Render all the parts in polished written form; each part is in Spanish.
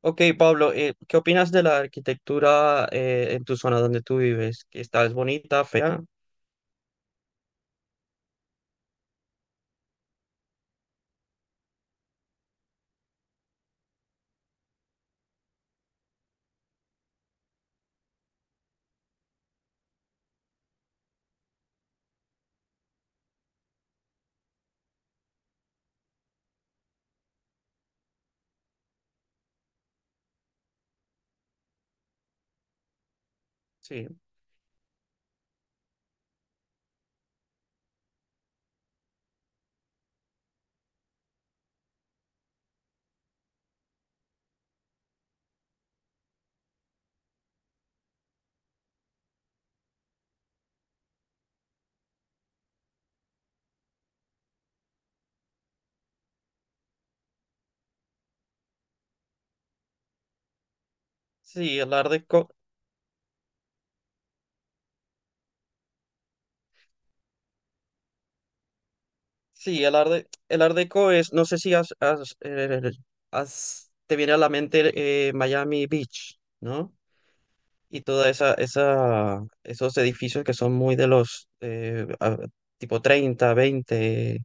Ok, Pablo, ¿qué opinas de la arquitectura en tu zona donde tú vives? ¿Que está es bonita, fea? Sí, sí, el Art Deco. Sí, el Art Deco es, no sé si te viene a la mente Miami Beach, ¿no? Y toda esos edificios que son muy de los tipo 30, 20,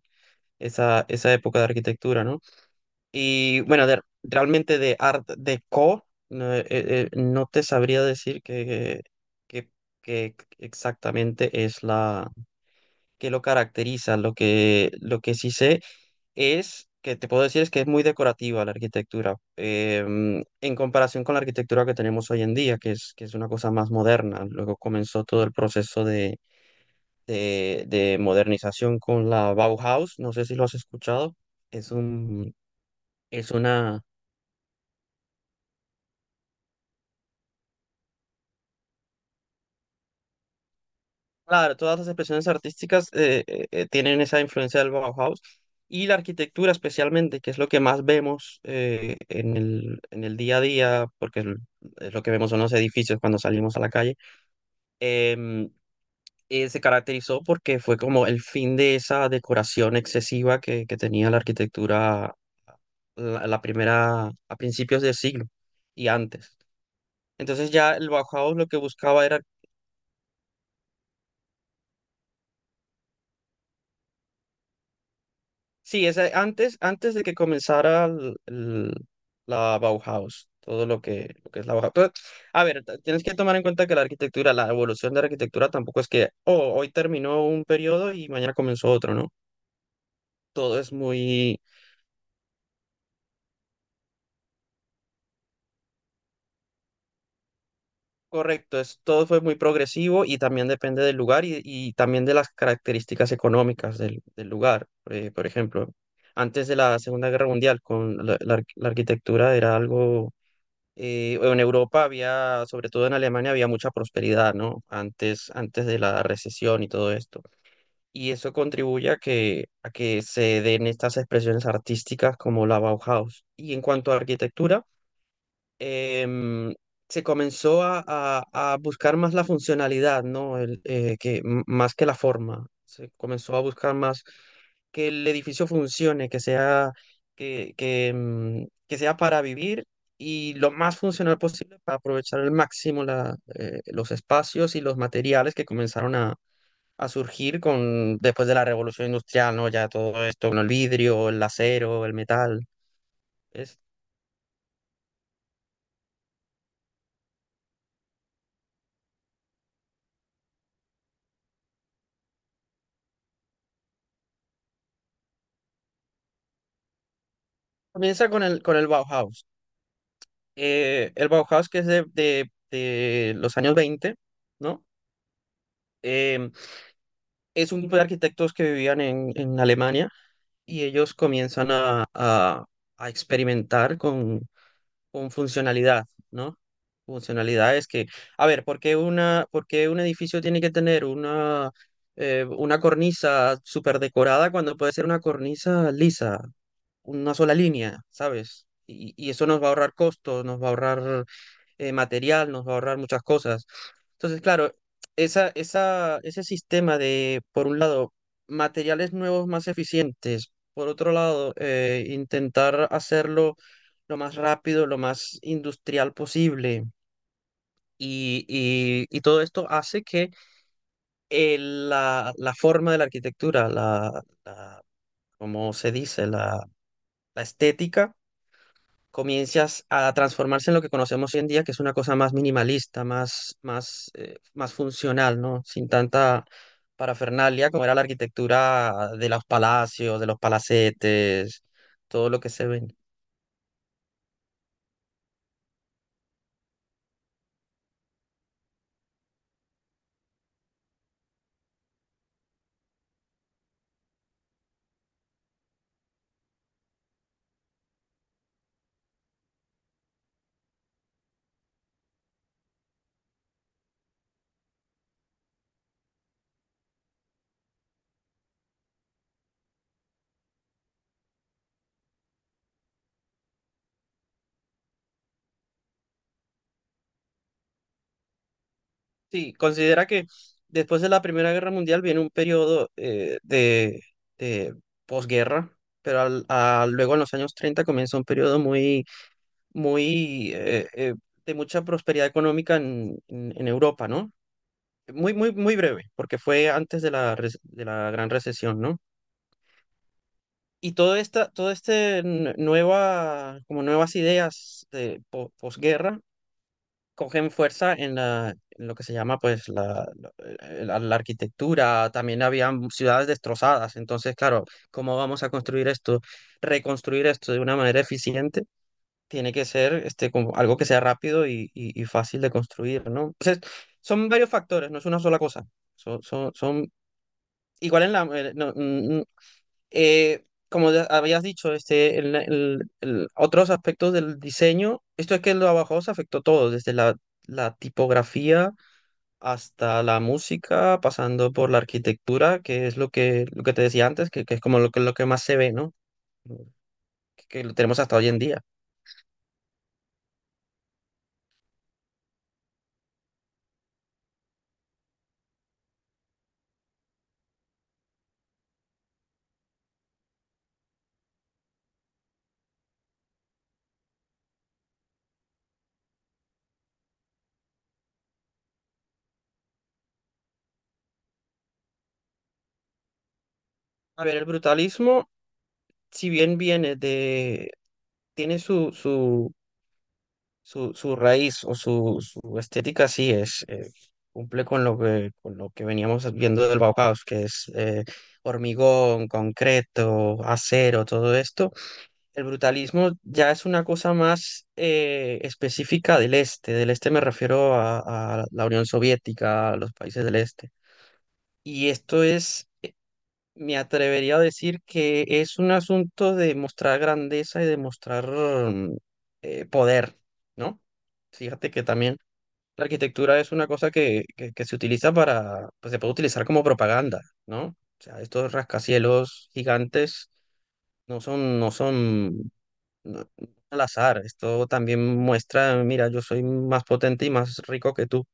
esa época de arquitectura, ¿no? Y bueno, realmente de Art Deco, no, no te sabría decir que, que exactamente es la que lo caracteriza. Lo que sí sé es que te puedo decir es que es muy decorativa la arquitectura, en comparación con la arquitectura que tenemos hoy en día, que es una cosa más moderna. Luego comenzó todo el proceso de modernización con la Bauhaus. No sé si lo has escuchado. Es un, es una. Claro, todas las expresiones artísticas tienen esa influencia del Bauhaus, y la arquitectura especialmente, que es lo que más vemos en en el día a día, porque es lo que vemos son los edificios cuando salimos a la calle. em, Se caracterizó porque fue como el fin de esa decoración excesiva que tenía la arquitectura la primera, a principios del siglo y antes. Entonces ya el Bauhaus lo que buscaba era... Sí, es antes, antes de que comenzara la Bauhaus, todo lo que es la Bauhaus. Pero, a ver, tienes que tomar en cuenta que la arquitectura, la evolución de la arquitectura tampoco es que, oh, hoy terminó un periodo y mañana comenzó otro, ¿no? Todo es muy... correcto, es, todo fue muy progresivo y también depende del lugar y también de las características económicas del lugar. Por ejemplo, antes de la Segunda Guerra Mundial, con la arquitectura era algo en Europa había, sobre todo en Alemania, había mucha prosperidad, ¿no? Antes, antes de la recesión y todo esto. Y eso contribuye a que se den estas expresiones artísticas como la Bauhaus. Y en cuanto a arquitectura, em, se comenzó a buscar más la funcionalidad, ¿no? El, más que la forma. Se comenzó a buscar más que el edificio funcione, que sea, que sea para vivir y lo más funcional posible para aprovechar al máximo la, los espacios y los materiales que comenzaron a surgir con, después de la revolución industrial, ¿no? Ya todo esto, con el vidrio, el acero, el metal. Es- Comienza con con el Bauhaus. Eh, el Bauhaus, que es de los años 20, ¿no? Em, es un grupo de arquitectos que vivían en Alemania, y ellos comienzan a experimentar con funcionalidad, ¿no? Funcionalidades que, a ver, ¿por qué por qué un edificio tiene que tener una cornisa súper decorada cuando puede ser una cornisa lisa? Una sola línea, ¿sabes? Y eso nos va a ahorrar costos, nos va a ahorrar material, nos va a ahorrar muchas cosas. Entonces, claro, ese sistema de, por un lado, materiales nuevos más eficientes, por otro lado, intentar hacerlo lo más rápido, lo más industrial posible. Y todo esto hace que la, la forma de la arquitectura, como se dice, la estética, comienzas a transformarse en lo que conocemos hoy en día, que es una cosa más minimalista, más, más funcional, ¿no? Sin tanta parafernalia como era la arquitectura de los palacios, de los palacetes, todo lo que se ven. Sí, considera que después de la Primera Guerra Mundial viene un periodo de posguerra. Pero luego en los años 30 comienza un periodo muy, muy eh, eh, de mucha prosperidad económica en, en Europa, ¿no? Muy, muy, muy breve, porque fue antes de de la gran recesión, ¿no? Y todo este nueva, como nuevas ideas de posguerra cogen fuerza en en lo que se llama, pues, la arquitectura. También habían ciudades destrozadas. Entonces, claro, ¿cómo vamos a construir esto? Reconstruir esto de una manera eficiente tiene que ser este, como algo que sea rápido y fácil de construir, ¿no? Entonces, son varios factores, no es una sola cosa. Son igual en la... no, mm, mm, como ya habías dicho, este, otros aspectos del diseño, esto es que lo abajo se afectó todo, desde la tipografía hasta la música, pasando por la arquitectura, que es lo que te decía antes, que es como lo que más se ve, ¿no? Que, que lo tenemos hasta hoy en día. A ver, el brutalismo, si bien viene de... tiene su... Su raíz o su estética sí es, cumple con con lo que veníamos viendo del Bauhaus, que es hormigón, concreto, acero, todo esto. El brutalismo ya es una cosa más específica del este. Del este me refiero a la Unión Soviética, a los países del este. Y esto es... me atrevería a decir que es un asunto de mostrar grandeza y de mostrar poder, ¿no? Fíjate que también la arquitectura es una cosa que se utiliza para, pues se puede utilizar como propaganda, ¿no? O sea, estos rascacielos gigantes no son... no- al azar. Esto también muestra, mira, yo soy más potente y más rico que tú.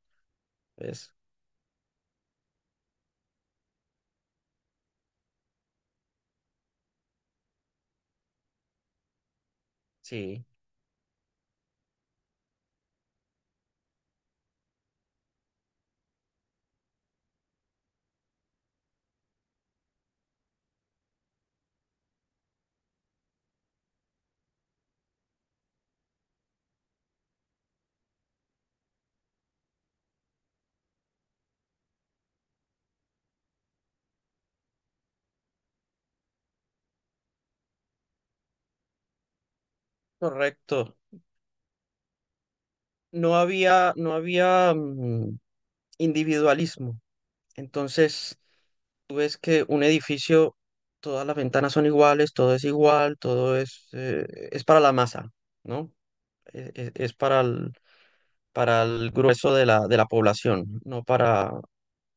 ¿Ves? Sí, correcto. No había, no había individualismo. Entonces, tú ves que un edificio, todas las ventanas son iguales, todo es igual, todo es para la masa, ¿no? Es, para el grueso de de la población, no para,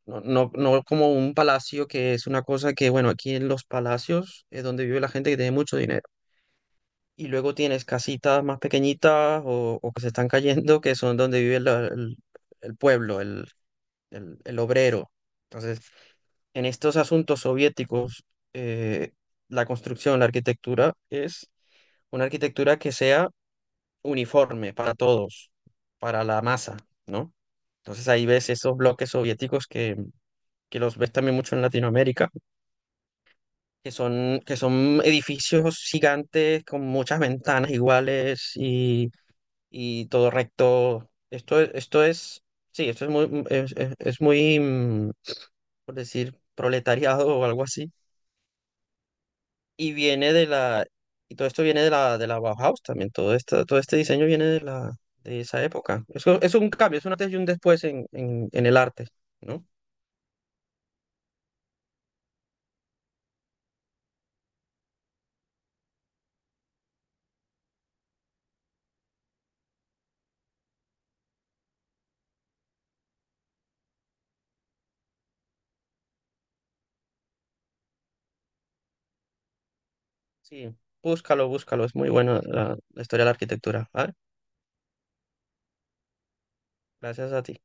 no, no, no como un palacio que es una cosa que, bueno, aquí en los palacios es donde vive la gente que tiene mucho dinero. Y luego tienes casitas más pequeñitas o que se están cayendo, que son donde vive el pueblo, el obrero. Entonces, en estos asuntos soviéticos, eh, la construcción, la arquitectura es una arquitectura que sea uniforme para todos, para la masa, ¿no? Entonces ahí ves esos bloques soviéticos que los ves también mucho en Latinoamérica, que son edificios gigantes con muchas ventanas iguales todo recto. Esto, esto es, sí, esto es muy, es muy, por decir, proletariado o algo así. y viene de la, y todo esto viene de de la Bauhaus también, todo esto, todo este diseño viene de de esa época. Es un cambio, es un antes y un después en, en el arte, ¿no? Sí, búscalo, búscalo, es muy bueno la historia de la arquitectura. ¿Vale? Gracias a ti.